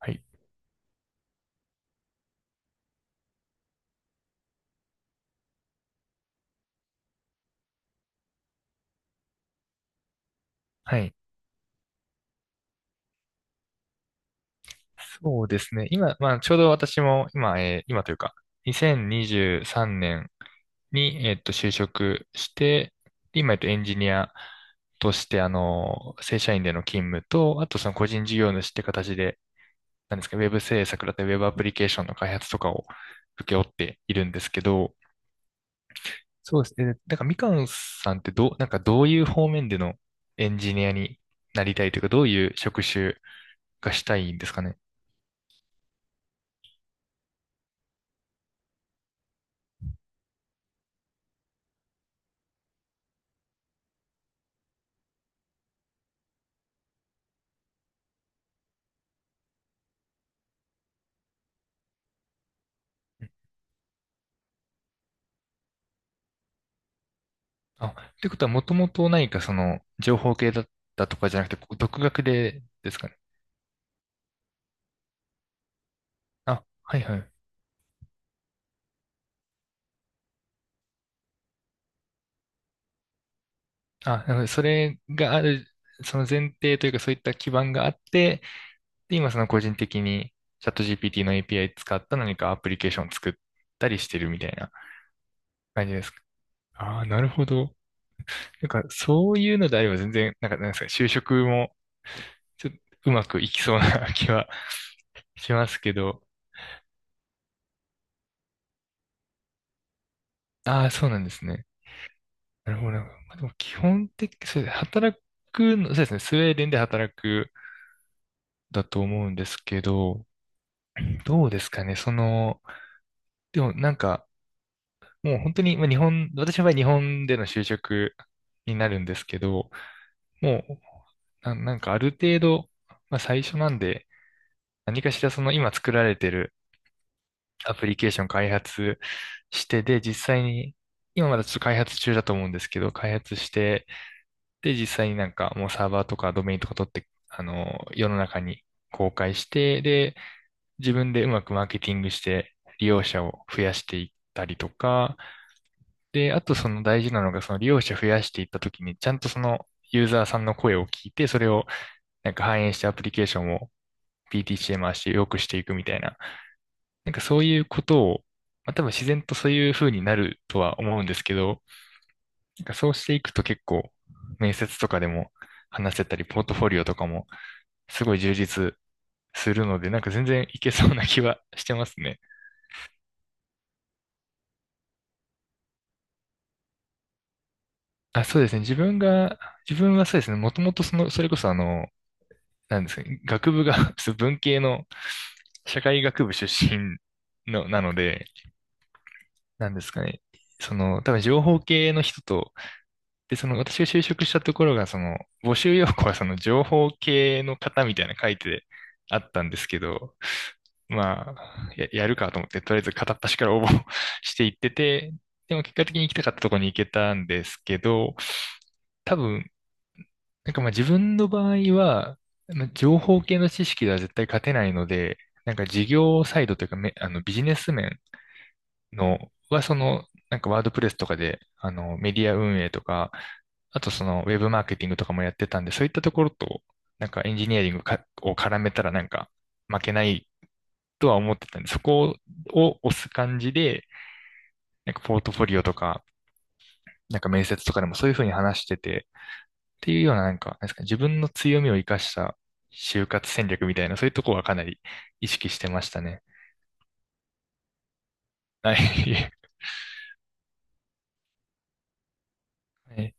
はい。はい。そうですね。今、まあ、ちょうど私も、今、今というか、2023年にじゅうさんねんに、就職して、で今、エンジニアとして、正社員での勤務と、あと、その個人事業主って形で、なんですか、ウェブ制作だったり、ウェブアプリケーションの開発とかを請け負っているんですけど、そうですね。なんか、みかんさんってどう、なんか、どういう方面でのエンジニアになりたいというか、どういう職種がしたいんですかね。あ、ってことは、もともと何かその、情報系だったとかじゃなくて、こう独学でですかね。あ、はいはい。あ、なるほどそれがある、その前提というか、そういった基盤があって、で、今その個人的に、チャット GPT の API 使った何かアプリケーションを作ったりしてるみたいな感じですか。ああ、なるほど。なんか、そういうのであれば全然、なんか、なんですか、就職も、ちょっとうまくいきそうな 気はしますけど、ああ、そうなんですね。なるほど、なるほど。まあ、でも基本的、そうですね働くの、そうですね、スウェーデンで働くだと思うんですけど、どうですかね、その、でもなんか、もう本当に、まあ、私の場合日本での就職になるんですけど、もう、なんかある程度、まあ、最初なんで、何かしらその今作られてるアプリケーション開発してで、実際に、今まだちょっと開発中だと思うんですけど、開発して、で、実際になんかもうサーバーとかドメインとか取って、世の中に公開して、で、自分でうまくマーケティングして利用者を増やしていったりとか、で、あとその大事なのがその利用者増やしていったときにちゃんとそのユーザーさんの声を聞いて、それをなんか反映してアプリケーションを PTC m 回して良くしていくみたいな、なんかそういうことを、まあ、多分自然とそういう風になるとは思うんですけど、なんかそうしていくと結構面接とかでも話せたり、ポートフォリオとかもすごい充実するので、なんか全然いけそうな気はしてますね。あ、そうですね。自分はそうですね。もともとその、それこそなんですかね。学部が そう文系の社会学部出身の、なので、なんですかね。その、多分情報系の人と、で、その私が就職したところが、その、募集要項はその情報系の方みたいなの書いてあったんですけど、まあ、やるかと思って、とりあえず片っ端から応募 していってて、でも結果的に行きたかったところに行けたんですけど、多分、なんかまあ自分の場合は、まあ情報系の知識では絶対勝てないので、なんか事業サイドというかめ、ビジネス面のは、その、なんかワードプレスとかで、メディア運営とか、あとそのウェブマーケティングとかもやってたんで、そういったところと、なんかエンジニアリングかを絡めたらなんか負けないとは思ってたんで、そこを押す感じで、なんかポートフォリオとか、なんか面接とかでもそういうふうに話してて、っていうようななんか、なんですかね、自分の強みを生かした就活戦略みたいな、そういうとこはかなり意識してましたね。はい。はい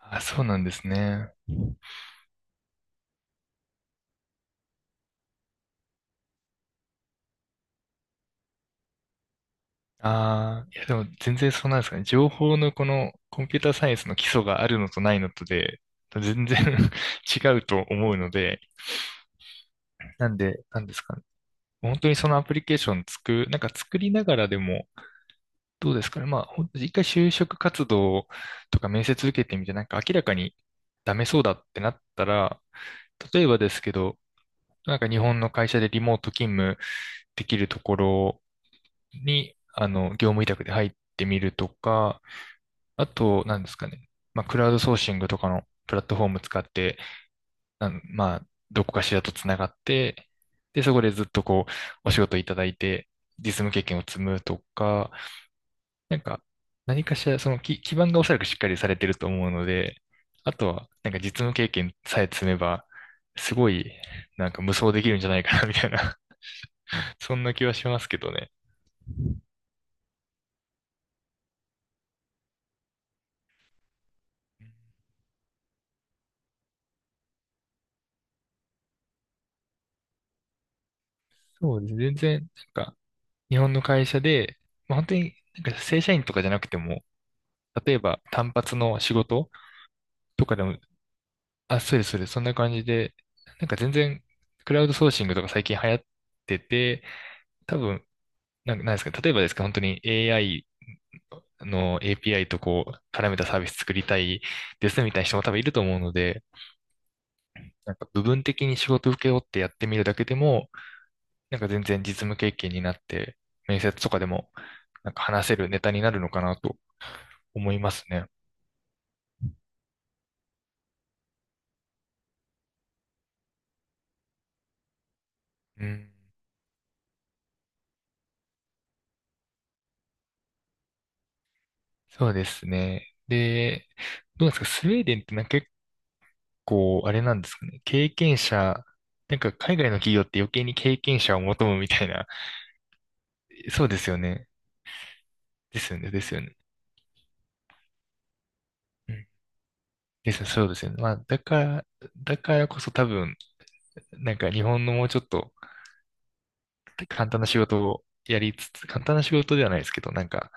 あ、そうなんですね。ああ、いやでも全然そうなんですかね。情報のこのコンピューターサイエンスの基礎があるのとないのとで、全然 違うと思うので、なんで、なんですかね。本当にそのアプリケーションなんか作りながらでも、どうですかね。まあ、一回就職活動とか面接受けてみて、なんか明らかにダメそうだってなったら、例えばですけど、なんか日本の会社でリモート勤務できるところに、業務委託で入ってみるとか、あと、なんですかね。まあ、クラウドソーシングとかのプラットフォーム使って、まあ、どこかしらとつながって、で、そこでずっとこう、お仕事いただいて、実務経験を積むとか、なんか、何かしら、その基盤がおそらくしっかりされてると思うので、あとは、なんか実務経験さえ積めば、すごい、なんか無双できるんじゃないかな、みたいな そんな気はしますけどね。そうです。全然、なんか、日本の会社で、まあ、本当に、なんか正社員とかじゃなくても、例えば単発の仕事とかでも、あ、そうです、そうです、そんな感じで、なんか全然、クラウドソーシングとか最近流行ってて、多分、なんか、なんですか、例えばですか、本当に AI の API とこう、絡めたサービス作りたいですみたいな人も多分いると思うので、なんか部分的に仕事受け負ってやってみるだけでも、なんか全然実務経験になって、面接とかでも、なんか話せるネタになるのかなと思いますね。うん。そうですね。で、どうですか、スウェーデンってなんか結構、あれなんですかね、経験者、なんか海外の企業って余計に経験者を求むみたいな、そうですよね。ですよね、ですよね。ですねそうですよね。まあ、だからこそ多分、なんか日本のもうちょっと簡単な仕事をやりつつ、簡単な仕事ではないですけど、なんか、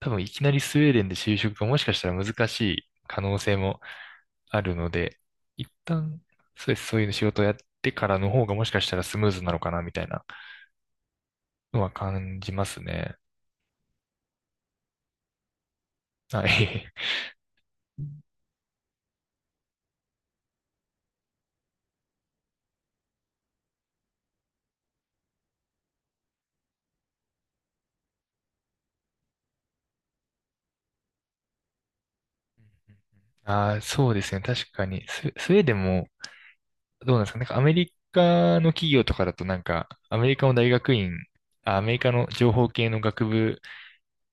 多分いきなりスウェーデンで就職がもしかしたら難しい可能性もあるので、一旦、そうです、そういう仕事をやってからの方がもしかしたらスムーズなのかな、みたいなのは感じますね。はい。ああ、そうですね。確かに。スウェーデンもどうなんですかなんかアメリカの企業とかだとなんか、アメリカの大学院、あ、アメリカの情報系の学部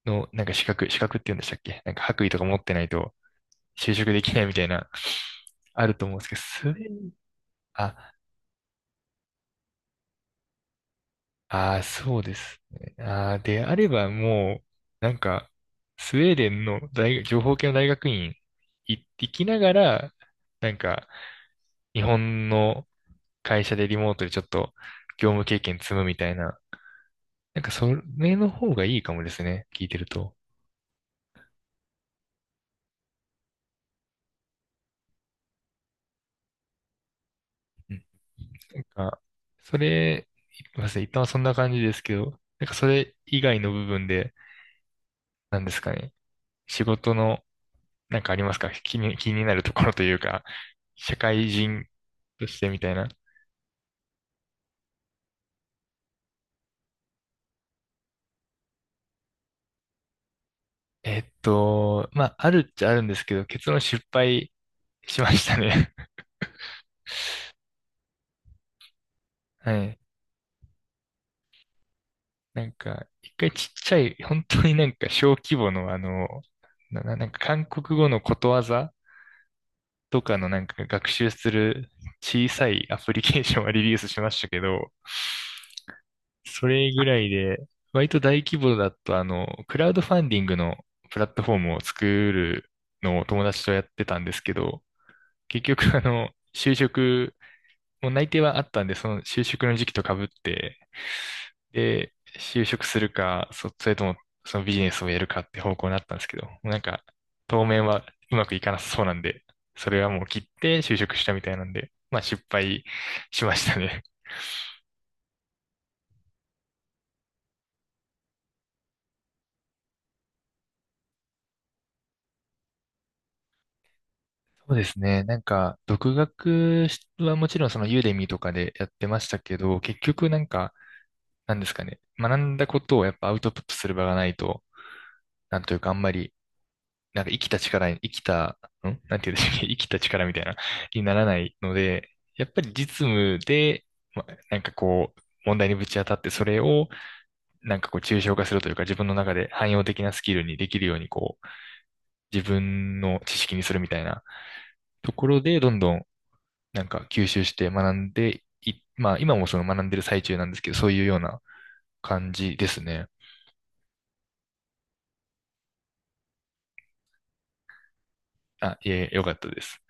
のなんか資格、資格って言うんでしたっけなんか白衣とか持ってないと就職できないみたいな、あると思うんですけど、それ、あ、あー、そうですね。あー、であればもう、なんか、スウェーデンの大学、情報系の大学院行ってきながら、なんか、日本の会社でリモートでちょっと業務経験積むみたいな、なんかそれの方がいいかもですね。聞いてると。うん。なんか、それ、ごめんなさい。一旦はそんな感じですけど、なんかそれ以外の部分で、なんですかね。仕事の、なんかありますか気になるところというか、社会人としてみたいな。まあ、あるっちゃあるんですけど、結論失敗しましたね。はい。なんか、一回ちっちゃい、本当になんか小規模のなんか韓国語のことわざとかのなんか学習する小さいアプリケーションは リリースしましたけど、それぐらいで、割と大規模だと、クラウドファンディングのプラットフォームを作るのを友達とやってたんですけど、結局、就職、もう内定はあったんで、その就職の時期とかぶって、で、就職するか、それともそのビジネスをやるかって方向になったんですけど、もうなんか、当面はうまくいかなさそうなんで、それはもう切って就職したみたいなんで、まあ失敗しましたね。そうですね。なんか、独学はもちろんそのユーデミーとかでやってましたけど、結局なんか、なんですかね。学んだことをやっぱアウトプットする場がないと、なんというかあんまりなんか生きた力に、生きた、んなんて言うんでしたっけ生きた力みたいな、にならないので、やっぱり実務で、ま、なんかこう、問題にぶち当たって、それを、なんかこう、抽象化するというか、自分の中で汎用的なスキルにできるように、こう、自分の知識にするみたいなところで、どんどん、なんか吸収して学んでい、まあ、今もその学んでる最中なんですけど、そういうような感じですね。あ、いえ、よかったです。